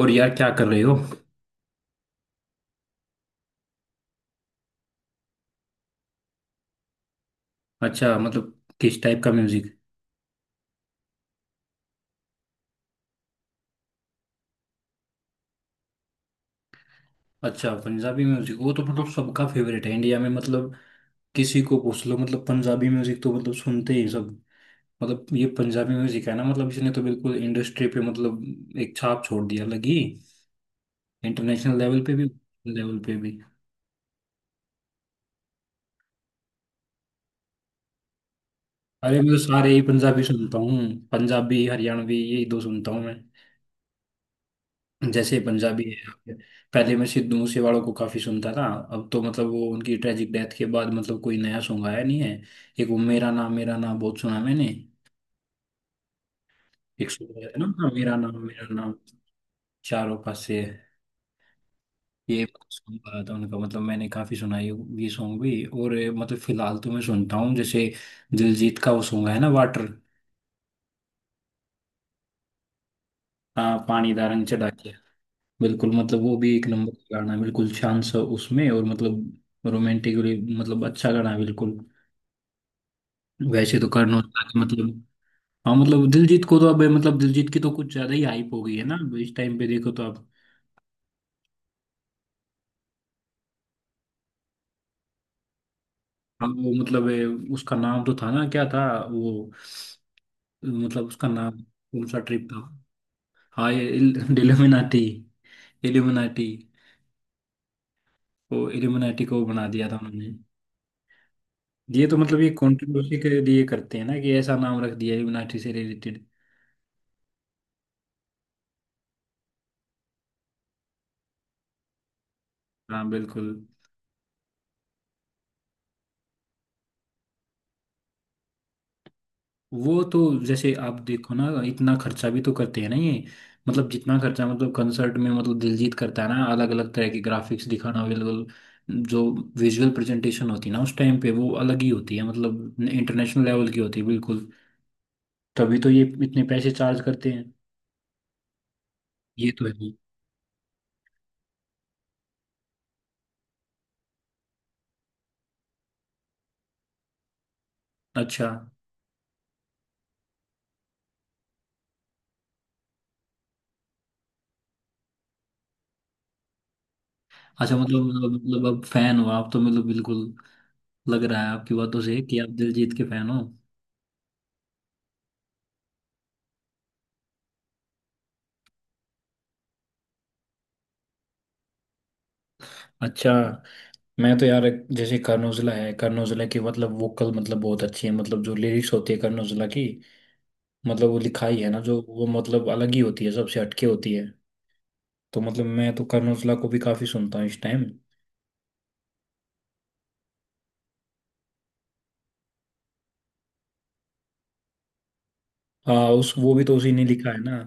और यार क्या कर रहे हो? अच्छा, मतलब किस टाइप का म्यूजिक? अच्छा, पंजाबी म्यूजिक वो तो मतलब सबका फेवरेट है इंडिया में मतलब। किसी को पूछ लो, मतलब पंजाबी म्यूजिक तो मतलब सुनते ही सब। मतलब ये पंजाबी म्यूजिक है ना, मतलब इसने तो बिल्कुल इंडस्ट्री पे मतलब एक छाप छोड़ दिया लगी। इंटरनेशनल लेवल पे भी लेवल पे भी। अरे मैं तो सारे ही पंजाबी सुनता हूँ। पंजाबी हरियाणवी, यही दो सुनता हूँ मैं। जैसे पंजाबी है। पहले मैं सिद्धू मूसेवाला को काफी सुनता था। अब तो मतलब वो उनकी ट्रेजिक डेथ के बाद मतलब कोई नया सॉन्ग आया नहीं है। एक वो मेरा नाम बहुत सुना मैंने। एक सॉन्ग आया था ना, हाँ, मेरा नाम चारों पासे। ये सॉन्ग आया था उनका, मतलब मैंने काफी सुना ये सॉन्ग भी। और ये मतलब फिलहाल तो मैं सुनता हूँ जैसे दिलजीत का वो सॉन्ग है ना वाटर। हाँ पानी दा रंग चढ़ा के। बिल्कुल मतलब वो भी एक नंबर का गाना है, बिल्कुल शांत सा उसमें और मतलब रोमांटिकली मतलब अच्छा गाना है बिल्कुल। वैसे तो करण औजला के मतलब, हाँ मतलब दिलजीत को तो अब मतलब दिलजीत की तो कुछ ज्यादा ही हाइप हो गई है ना, अब इस टाइम पे देखो तो अब वो मतलब उसका नाम तो था ना, क्या था वो? मतलब उसका नाम कौन सा ट्रिप था? हाँ ये इल्यूमिनाटी, इल्यूमिनाटी। वो इल्यूमिनाटी को बना दिया था उन्होंने। ये तो मतलब ये कंट्रोवर्सी के लिए करते हैं ना कि ऐसा नाम रख दिया इल्यूमिनाटी से रिलेटेड। हाँ बिल्कुल। वो तो जैसे आप देखो ना, इतना खर्चा भी तो करते हैं ना ये। मतलब जितना खर्चा मतलब कंसर्ट में मतलब दिलजीत करता है ना, अलग अलग तरह के ग्राफिक्स दिखाना अवेलेबल। जो विजुअल प्रेजेंटेशन होती है ना उस टाइम पे वो अलग ही होती है, मतलब इंटरनेशनल लेवल की होती है बिल्कुल। तभी तो ये इतने पैसे चार्ज करते हैं। ये तो है ही। अच्छा, अच्छा मतलब अब फैन हो आप तो मतलब बिल्कुल, लग रहा है आपकी बातों से कि आप दिलजीत के फैन हो। अच्छा। मैं तो यार जैसे कर्नोजुला है, कर्नोजुला की मतलब वोकल मतलब बहुत अच्छी है, मतलब जो लिरिक्स होती है कर्नोजुला की, मतलब वो लिखाई है ना जो वो मतलब अलग ही होती है, सबसे हटके होती है। तो मतलब मैं तो कर्नोजुला को भी काफी सुनता हूँ इस टाइम। हाँ उस वो भी तो उसी ने लिखा है ना।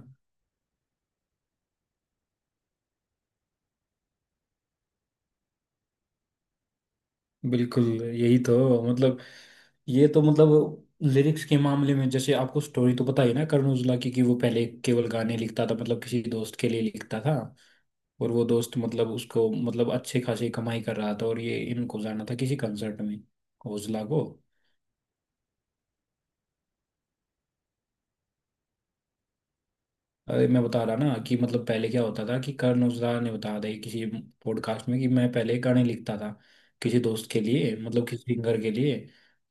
बिल्कुल यही तो मतलब, ये तो मतलब लिरिक्स के मामले में, जैसे आपको स्टोरी तो पता ही ना कर्नोजुला की कि वो पहले केवल गाने लिखता था, मतलब किसी दोस्त के लिए लिखता था। और वो दोस्त मतलब उसको मतलब अच्छे खासी कमाई कर रहा था, और ये इनको जाना था किसी कंसर्ट में। ओजला को। अरे मैं बता रहा ना कि मतलब पहले क्या होता था कि कर्ण औजला ने बताया था ये किसी पॉडकास्ट में कि मैं पहले गाने लिखता था किसी दोस्त के लिए, मतलब किसी सिंगर के लिए।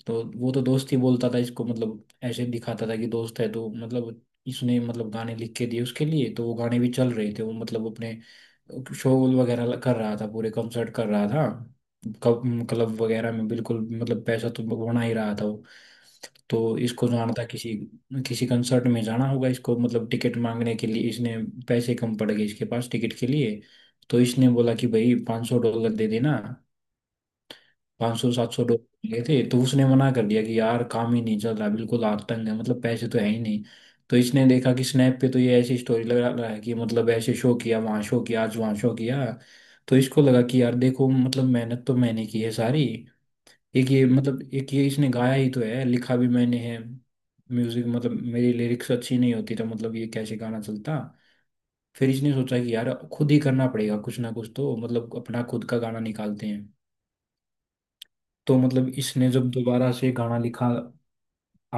तो वो तो दोस्त ही बोलता था इसको, मतलब ऐसे दिखाता था कि दोस्त है, तो मतलब इसने मतलब गाने लिख के दिए उसके लिए, तो वो गाने भी चल रहे थे, वो मतलब अपने शो वगैरह कर रहा था, पूरे कंसर्ट कर रहा था। क्लब क्लब वगैरह में बिल्कुल, मतलब पैसा तो बना ही रहा था वो। तो इसको जाना था किसी किसी कंसर्ट में, जाना होगा इसको, मतलब टिकट मांगने के लिए इसने पैसे कम पड़ गए इसके पास टिकट के लिए। तो इसने बोला कि भाई पाँच सौ डॉलर दे देना। पाँच सौ सात सौ डॉलर लिए थे, तो उसने मना कर दिया कि यार काम ही नहीं चल रहा बिल्कुल, आतंक है मतलब, पैसे तो है ही नहीं। तो इसने देखा कि स्नैप पे तो ये ऐसी स्टोरी लगा रहा है कि मतलब ऐसे शो किया, वहाँ शो किया, आज वहाँ शो किया। तो इसको लगा कि यार देखो, मतलब मेहनत तो मैंने की है सारी। एक ये मतलब एक ये इसने गाया ही तो है, लिखा भी मैंने है, म्यूजिक मतलब मेरी लिरिक्स अच्छी नहीं होती तो मतलब ये कैसे गाना चलता। फिर इसने सोचा कि यार खुद ही करना पड़ेगा कुछ ना कुछ, तो मतलब अपना खुद का गाना निकालते हैं। तो मतलब इसने जब दोबारा से गाना लिखा,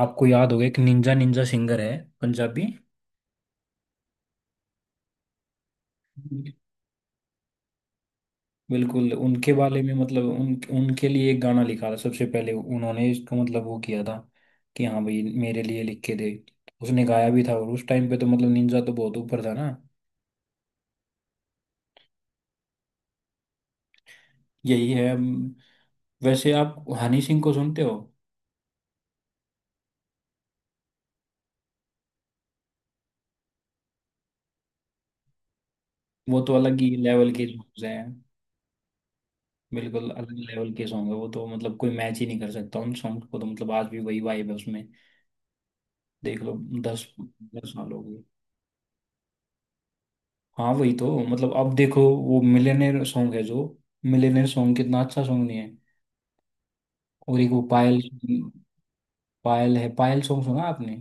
आपको याद होगा एक निंजा निंजा सिंगर है, पंजाबी। बिल्कुल उनके बारे में, मतलब उन उनके लिए एक गाना लिखा था सबसे पहले उन्होंने, इसको मतलब वो किया था कि हाँ भाई मेरे लिए लिख के दे। उसने गाया भी था, और उस टाइम पे तो मतलब निंजा तो बहुत ऊपर था ना। यही है वैसे आप हनी सिंह को सुनते हो? वो तो अलग ही लेवल के सॉन्ग्स हैं, बिल्कुल अलग लेवल के सॉन्ग है वो तो, मतलब कोई मैच ही नहीं कर सकता उन सॉन्ग को, तो मतलब आज भी वही वाइब है उसमें, देख लो। दस दस साल हो गए। हाँ वही तो मतलब, अब देखो वो मिलियनेयर सॉन्ग है जो, मिलियनेयर सॉन्ग कितना अच्छा सॉन्ग नहीं है। और एक वो पायल, पायल है, पायल सॉन्ग सुना आपने?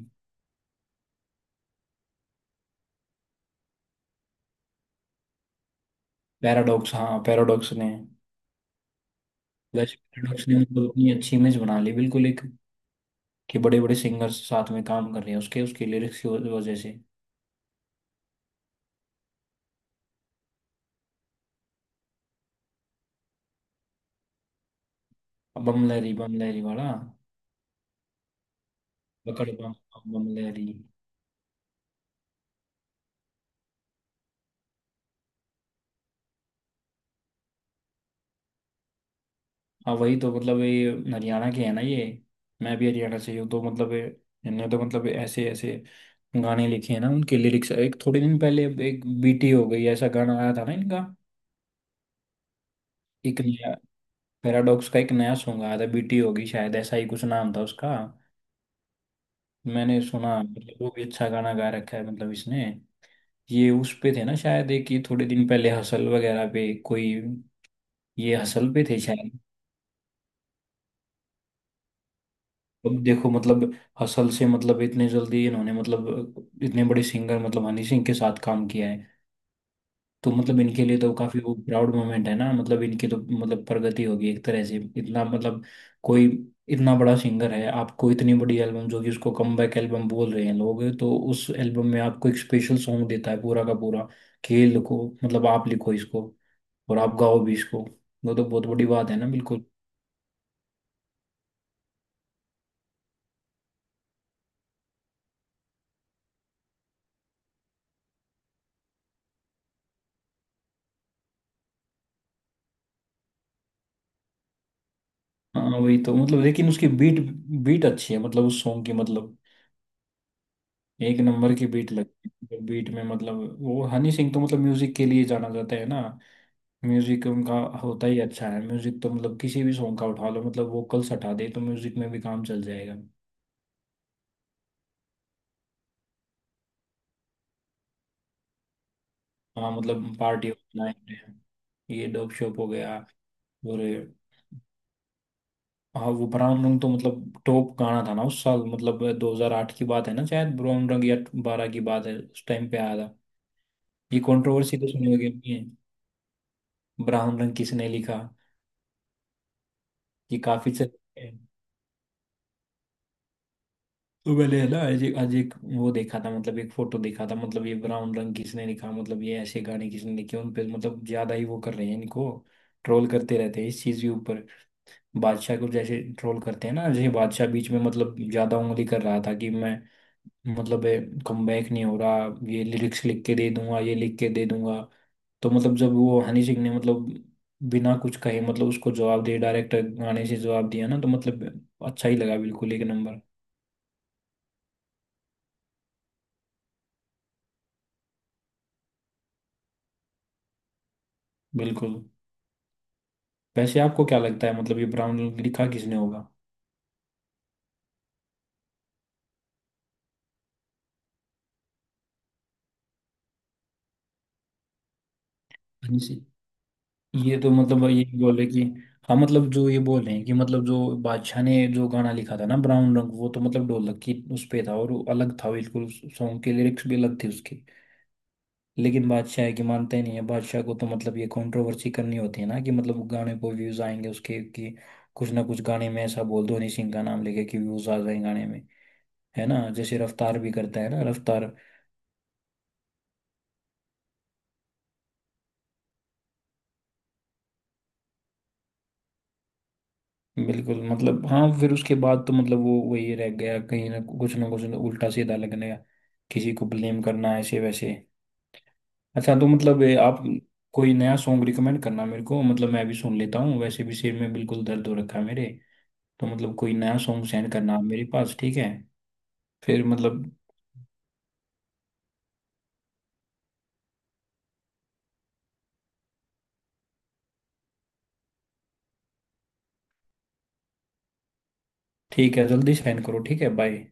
पैराडॉक्स, हाँ पैराडॉक्स ने। वैसे पैराडॉक्स ने मतलब अपनी अच्छी इमेज बना ली बिल्कुल एक, कि बड़े बड़े सिंगर्स साथ में काम कर रहे हैं उसके, उसके लिरिक्स की वजह से। बम लहरी वाला। पकड़ बम, बम लहरी। हाँ वही तो मतलब, ये हरियाणा के है ना ये। मैं भी हरियाणा से ही हूँ तो मतलब इनने तो मतलब ऐसे ऐसे गाने लिखे हैं ना, उनके लिरिक्स, एक थोड़े दिन पहले एक बीटी हो गई ऐसा गाना आया था ना इनका, एक नया। पैराडॉक्स का एक नया सॉन्ग आया था, बीटी होगी शायद ऐसा ही कुछ नाम था उसका। मैंने सुना, मतलब वो भी अच्छा गाना गा रखा है मतलब इसने। ये उस पे थे ना शायद, एक ये थोड़े दिन पहले हसल वगैरह पे कोई, ये हसल पे थे शायद। अब देखो मतलब, हसल से मतलब इतने जल्दी इन्होंने मतलब इतने बड़े सिंगर मतलब हनी सिंह के साथ काम किया है, तो मतलब इनके लिए तो काफी वो प्राउड मोमेंट है ना, मतलब इनकी तो मतलब प्रगति होगी एक तरह से, इतना मतलब कोई इतना बड़ा सिंगर है, आपको इतनी बड़ी एल्बम, जो कि उसको कमबैक एल्बम बोल रहे हैं लोग, तो उस एल्बम में आपको एक स्पेशल सॉन्ग देता है पूरा का पूरा कि ये लिखो, मतलब आप लिखो इसको और आप गाओ भी इसको। वो तो बहुत बड़ी बात है ना बिल्कुल। हाँ वही तो मतलब, लेकिन उसकी बीट, बीट अच्छी है मतलब उस सॉन्ग की मतलब, एक नंबर की बीट लगती है, बीट में मतलब वो, हनी सिंह तो मतलब म्यूजिक के लिए जाना जाता है ना, म्यूजिक उनका होता ही अच्छा है, म्यूजिक तो मतलब किसी भी सॉन्ग का उठा लो, मतलब वोकल्स हटा दे तो म्यूजिक में भी काम चल जाएगा। हाँ मतलब पार्टी नाइट, ये डोप शोप हो गया, और हाँ वो ब्राउन रंग तो मतलब टॉप गाना था ना उस साल, मतलब 2008 की बात है ना शायद ब्राउन रंग, या बारह की बात है, उस टाइम पे आया था। ये कंट्रोवर्सी तो सुनी होगी अपनी, ब्राउन रंग किसने लिखा। ये काफी चल, तो मैंने है ना आज एक वो देखा था, मतलब एक फोटो देखा था, मतलब ये ब्राउन रंग किसने लिखा, मतलब ये ऐसे गाने किसने लिखे उन पे, मतलब ज्यादा ही वो कर रहे हैं इनको, ट्रोल करते रहते हैं इस चीज के ऊपर। बादशाह को जैसे ट्रोल करते हैं ना, जैसे बादशाह बीच में मतलब ज्यादा उंगली कर रहा था कि मैं, मतलब कम बैक नहीं हो रहा, ये लिरिक्स लिख के दे दूंगा, ये लिख के दे दूंगा। तो मतलब जब वो हनी सिंह ने मतलब बिना कुछ कहे मतलब उसको जवाब दिया, डायरेक्ट गाने से जवाब दिया ना, तो मतलब अच्छा ही लगा बिल्कुल, एक नंबर। बिल्कुल। वैसे आपको क्या लगता है, मतलब ये ब्राउन लिखा किसने होगा? हाँ जी। ये तो मतलब ये बोले कि हाँ, मतलब जो ये बोल रहे हैं कि मतलब जो बादशाह ने जो गाना लिखा था ना ब्राउन रंग, वो तो मतलब ढोलक की उस पे था और वो अलग था बिल्कुल, सॉन्ग के लिरिक्स भी अलग थे उसके। लेकिन बादशाह है कि मानते नहीं है, बादशाह को तो मतलब ये कंट्रोवर्सी करनी होती है ना कि मतलब गाने को व्यूज आएंगे उसके, कि कुछ ना कुछ गाने में ऐसा बोल दो हनी सिंह का नाम लेके कि व्यूज आ जाए गाने में। है ना, जैसे रफ्तार भी करता है ना रफ्तार। बिल्कुल मतलब, हाँ फिर उसके बाद तो मतलब वो वही रह गया, कहीं ना कुछ ना कुछ ना उल्टा सीधा लगने का, किसी को ब्लेम करना ऐसे वैसे। अच्छा तो मतलब ये आप कोई नया सॉन्ग रिकमेंड करना मेरे को, मतलब मैं भी सुन लेता हूँ, वैसे भी सिर में बिल्कुल दर्द हो रखा है मेरे। तो मतलब कोई नया सॉन्ग सेंड करना आप मेरे पास, ठीक है? फिर मतलब, ठीक है, जल्दी सेंड करो, ठीक है, बाय।